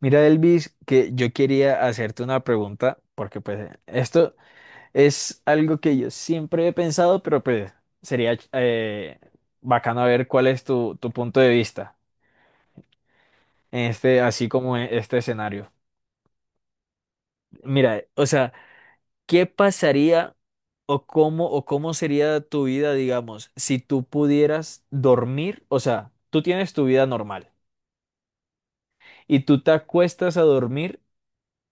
Mira, Elvis, que yo quería hacerte una pregunta, porque pues esto es algo que yo siempre he pensado, pero pues sería bacano ver cuál es tu punto de vista en este, así como en este escenario. Mira, o sea, ¿qué pasaría o cómo sería tu vida, digamos, si tú pudieras dormir? O sea, tú tienes tu vida normal y tú te acuestas a dormir.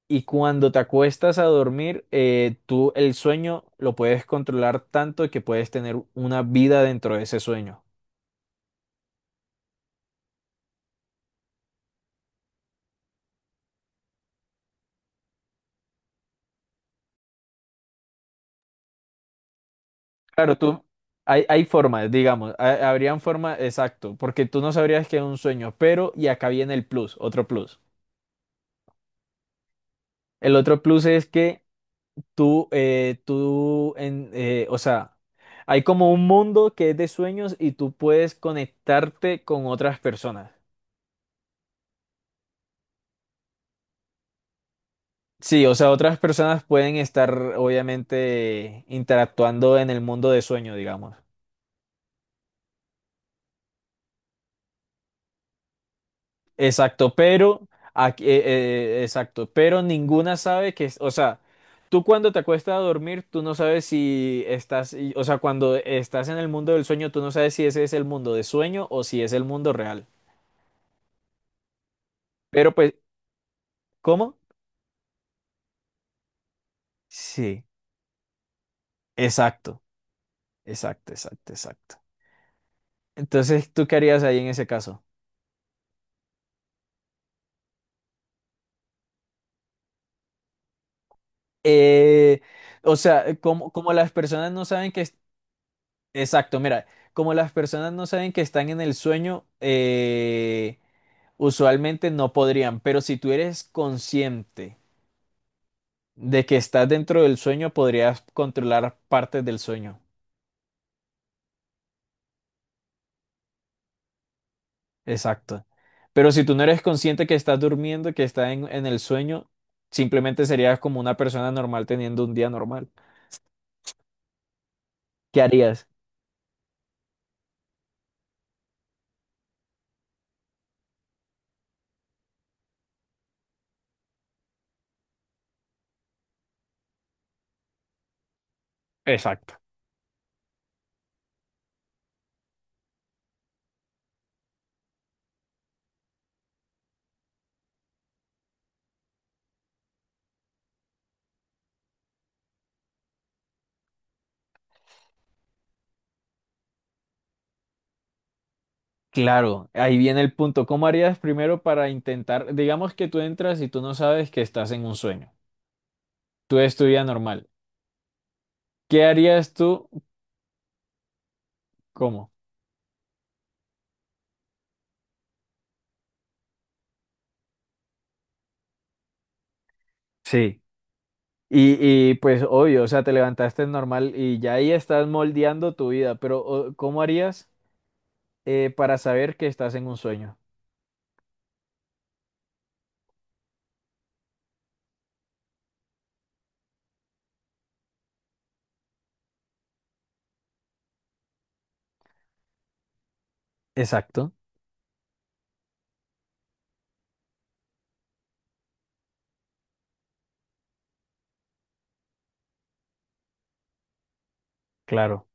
Y cuando te acuestas a dormir, tú el sueño lo puedes controlar tanto que puedes tener una vida dentro de ese sueño. Claro, tú, hay formas, digamos, habrían formas, exacto, porque tú no sabrías que es un sueño, pero, y acá viene el plus, otro plus. El otro plus es que tú, tú, o sea, hay como un mundo que es de sueños y tú puedes conectarte con otras personas. Sí, o sea, otras personas pueden estar obviamente interactuando en el mundo de sueño, digamos. Exacto, pero aquí, exacto, pero ninguna sabe que, o sea, tú cuando te acuestas a dormir, tú no sabes si estás, o sea, cuando estás en el mundo del sueño, tú no sabes si ese es el mundo de sueño o si es el mundo real. Pero pues, ¿cómo? Sí, exacto, exacto, exacto, exacto. Entonces, ¿tú qué harías ahí en ese caso? Eh, o sea, como, como las personas no saben que... Exacto, mira, como las personas no saben que están en el sueño, usualmente no podrían, pero si tú eres consciente de que estás dentro del sueño, podrías controlar partes del sueño. Exacto. Pero si tú no eres consciente que estás durmiendo, que estás en el sueño, simplemente serías como una persona normal teniendo un día normal. ¿Qué harías? Exacto. Claro, ahí viene el punto. ¿Cómo harías primero para intentar, digamos que tú entras y tú no sabes que estás en un sueño, tú es tu vida normal. ¿Qué harías tú? ¿Cómo? Sí. Pues obvio, o sea, te levantaste normal y ya ahí estás moldeando tu vida, pero ¿cómo harías para saber que estás en un sueño? Exacto, claro.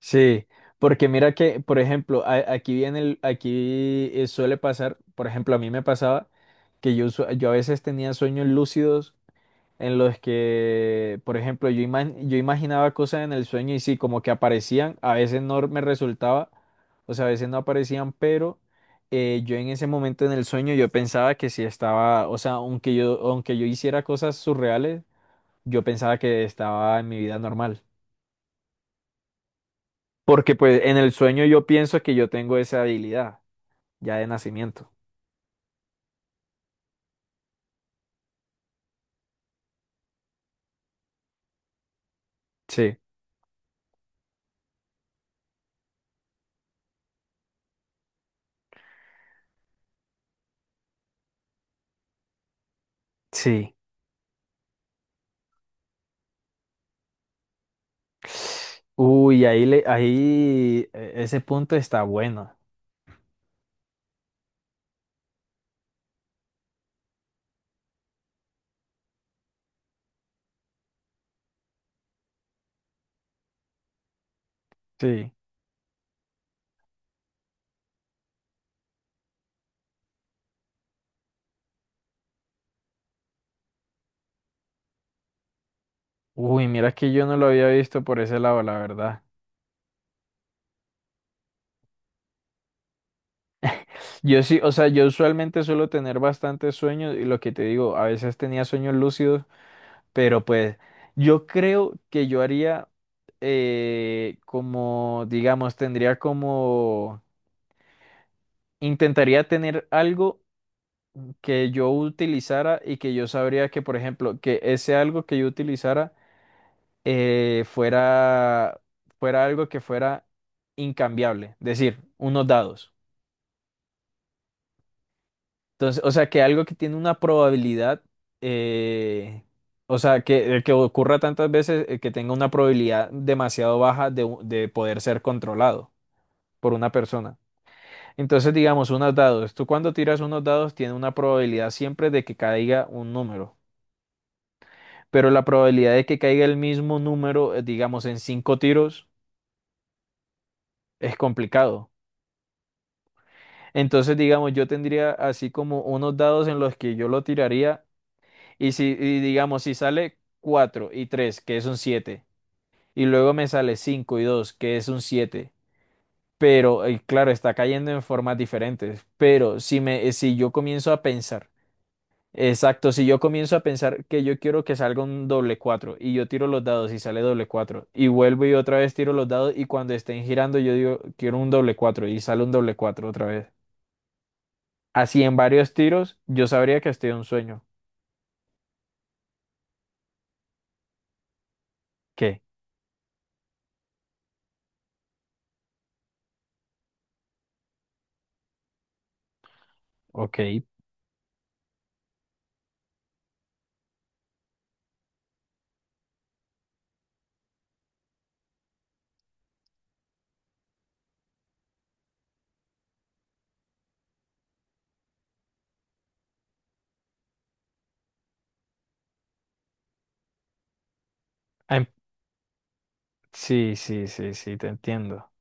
Sí, porque mira que, por ejemplo, aquí viene el, aquí suele pasar, por ejemplo, a mí me pasaba que yo, yo a veces tenía sueños lúcidos en los que, por ejemplo, yo, yo imaginaba cosas en el sueño y sí, como que aparecían, a veces no me resultaba, o sea, a veces no aparecían, pero yo en ese momento en el sueño yo pensaba que sí estaba, o sea, aunque yo hiciera cosas surreales, yo pensaba que estaba en mi vida normal. Porque pues en el sueño yo pienso que yo tengo esa habilidad ya de nacimiento. Sí, sí. Uy, ahí le, ahí ese punto está bueno. Sí. Uy, mira que yo no lo había visto por ese lado, la verdad. Yo sí, o sea, yo usualmente suelo tener bastantes sueños y lo que te digo, a veces tenía sueños lúcidos, pero pues yo creo que yo haría como, digamos, tendría como, intentaría tener algo que yo utilizara y que yo sabría que, por ejemplo, que ese algo que yo utilizara eh, fuera, fuera algo que fuera incambiable, decir, unos dados. Entonces, o sea, que algo que tiene una probabilidad, eh, o sea, que ocurra tantas veces, que tenga una probabilidad demasiado baja de de poder ser controlado por una persona. Entonces, digamos, unos dados. Tú cuando tiras unos dados, tiene una probabilidad siempre de que caiga un número. Pero la probabilidad de que caiga el mismo número, digamos, en cinco tiros, es complicado. Entonces, digamos, yo tendría así como unos dados en los que yo lo tiraría. Y si, y digamos, si sale 4 y 3 que es un 7 y luego me sale 5 y 2 que es un siete, pero, y claro, está cayendo en formas diferentes, pero si me, si yo comienzo a pensar, exacto, si yo comienzo a pensar que yo quiero que salga un doble 4 y yo tiro los dados y sale doble 4 y vuelvo y otra vez tiro los dados y cuando estén girando yo digo, quiero un doble 4 y sale un doble 4 otra vez. Así en varios tiros, yo sabría que estoy en un sueño. ¿Qué? Ok. Ah, sí, sí, sí, sí, te entiendo.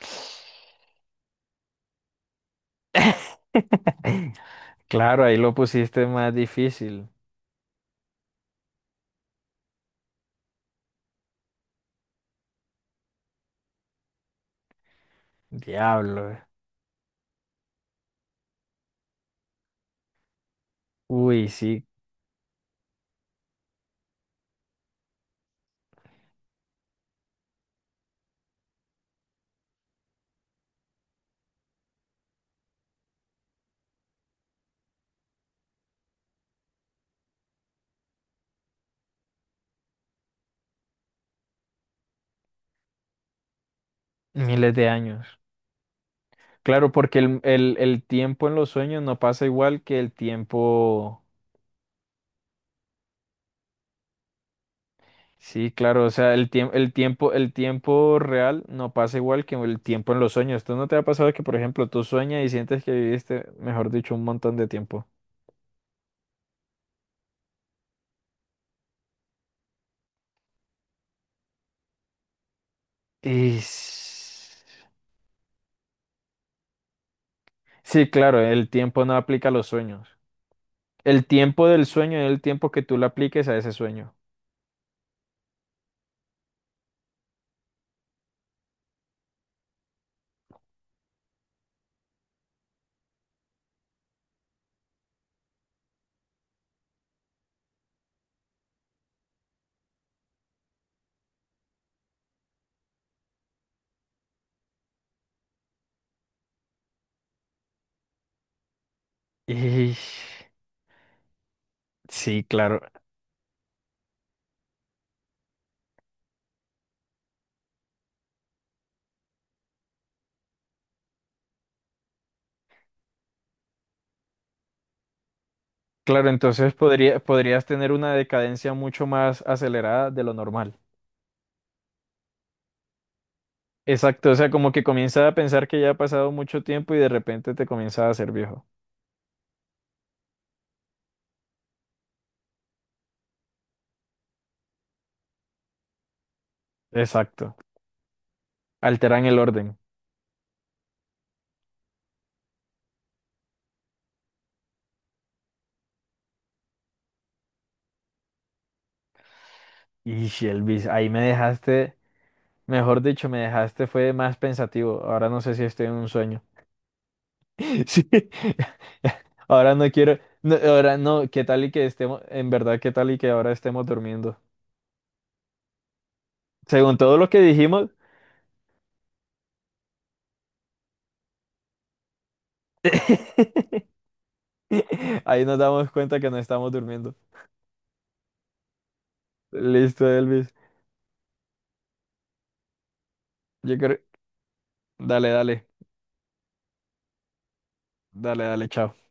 Claro, ahí lo pusiste más difícil. Diablo. Uy, sí, miles de años. Claro, porque el tiempo en los sueños no pasa igual que el tiempo. Sí, claro, o sea, el tiempo real no pasa igual que el tiempo en los sueños. ¿Tú no te ha pasado que, por ejemplo, tú sueñas y sientes que viviste, mejor dicho, un montón de tiempo? Y... s- Sí, claro, el tiempo no aplica a los sueños. El tiempo del sueño es el tiempo que tú le apliques a ese sueño. Y sí, claro. Claro, entonces podrías tener una decadencia mucho más acelerada de lo normal. Exacto, o sea, como que comienzas a pensar que ya ha pasado mucho tiempo y de repente te comienzas a hacer viejo. Exacto. Alteran el orden. Y Elvis, ahí me dejaste, mejor dicho, me dejaste fue más pensativo. Ahora no sé si estoy en un sueño. Sí. Ahora no quiero, no, ahora no, ¿qué tal y que estemos, en verdad, qué tal y que ahora estemos durmiendo? Según todo lo que dijimos, ahí nos damos cuenta que no estamos durmiendo. Listo, Elvis. Yo creo, dale, dale, dale, chao.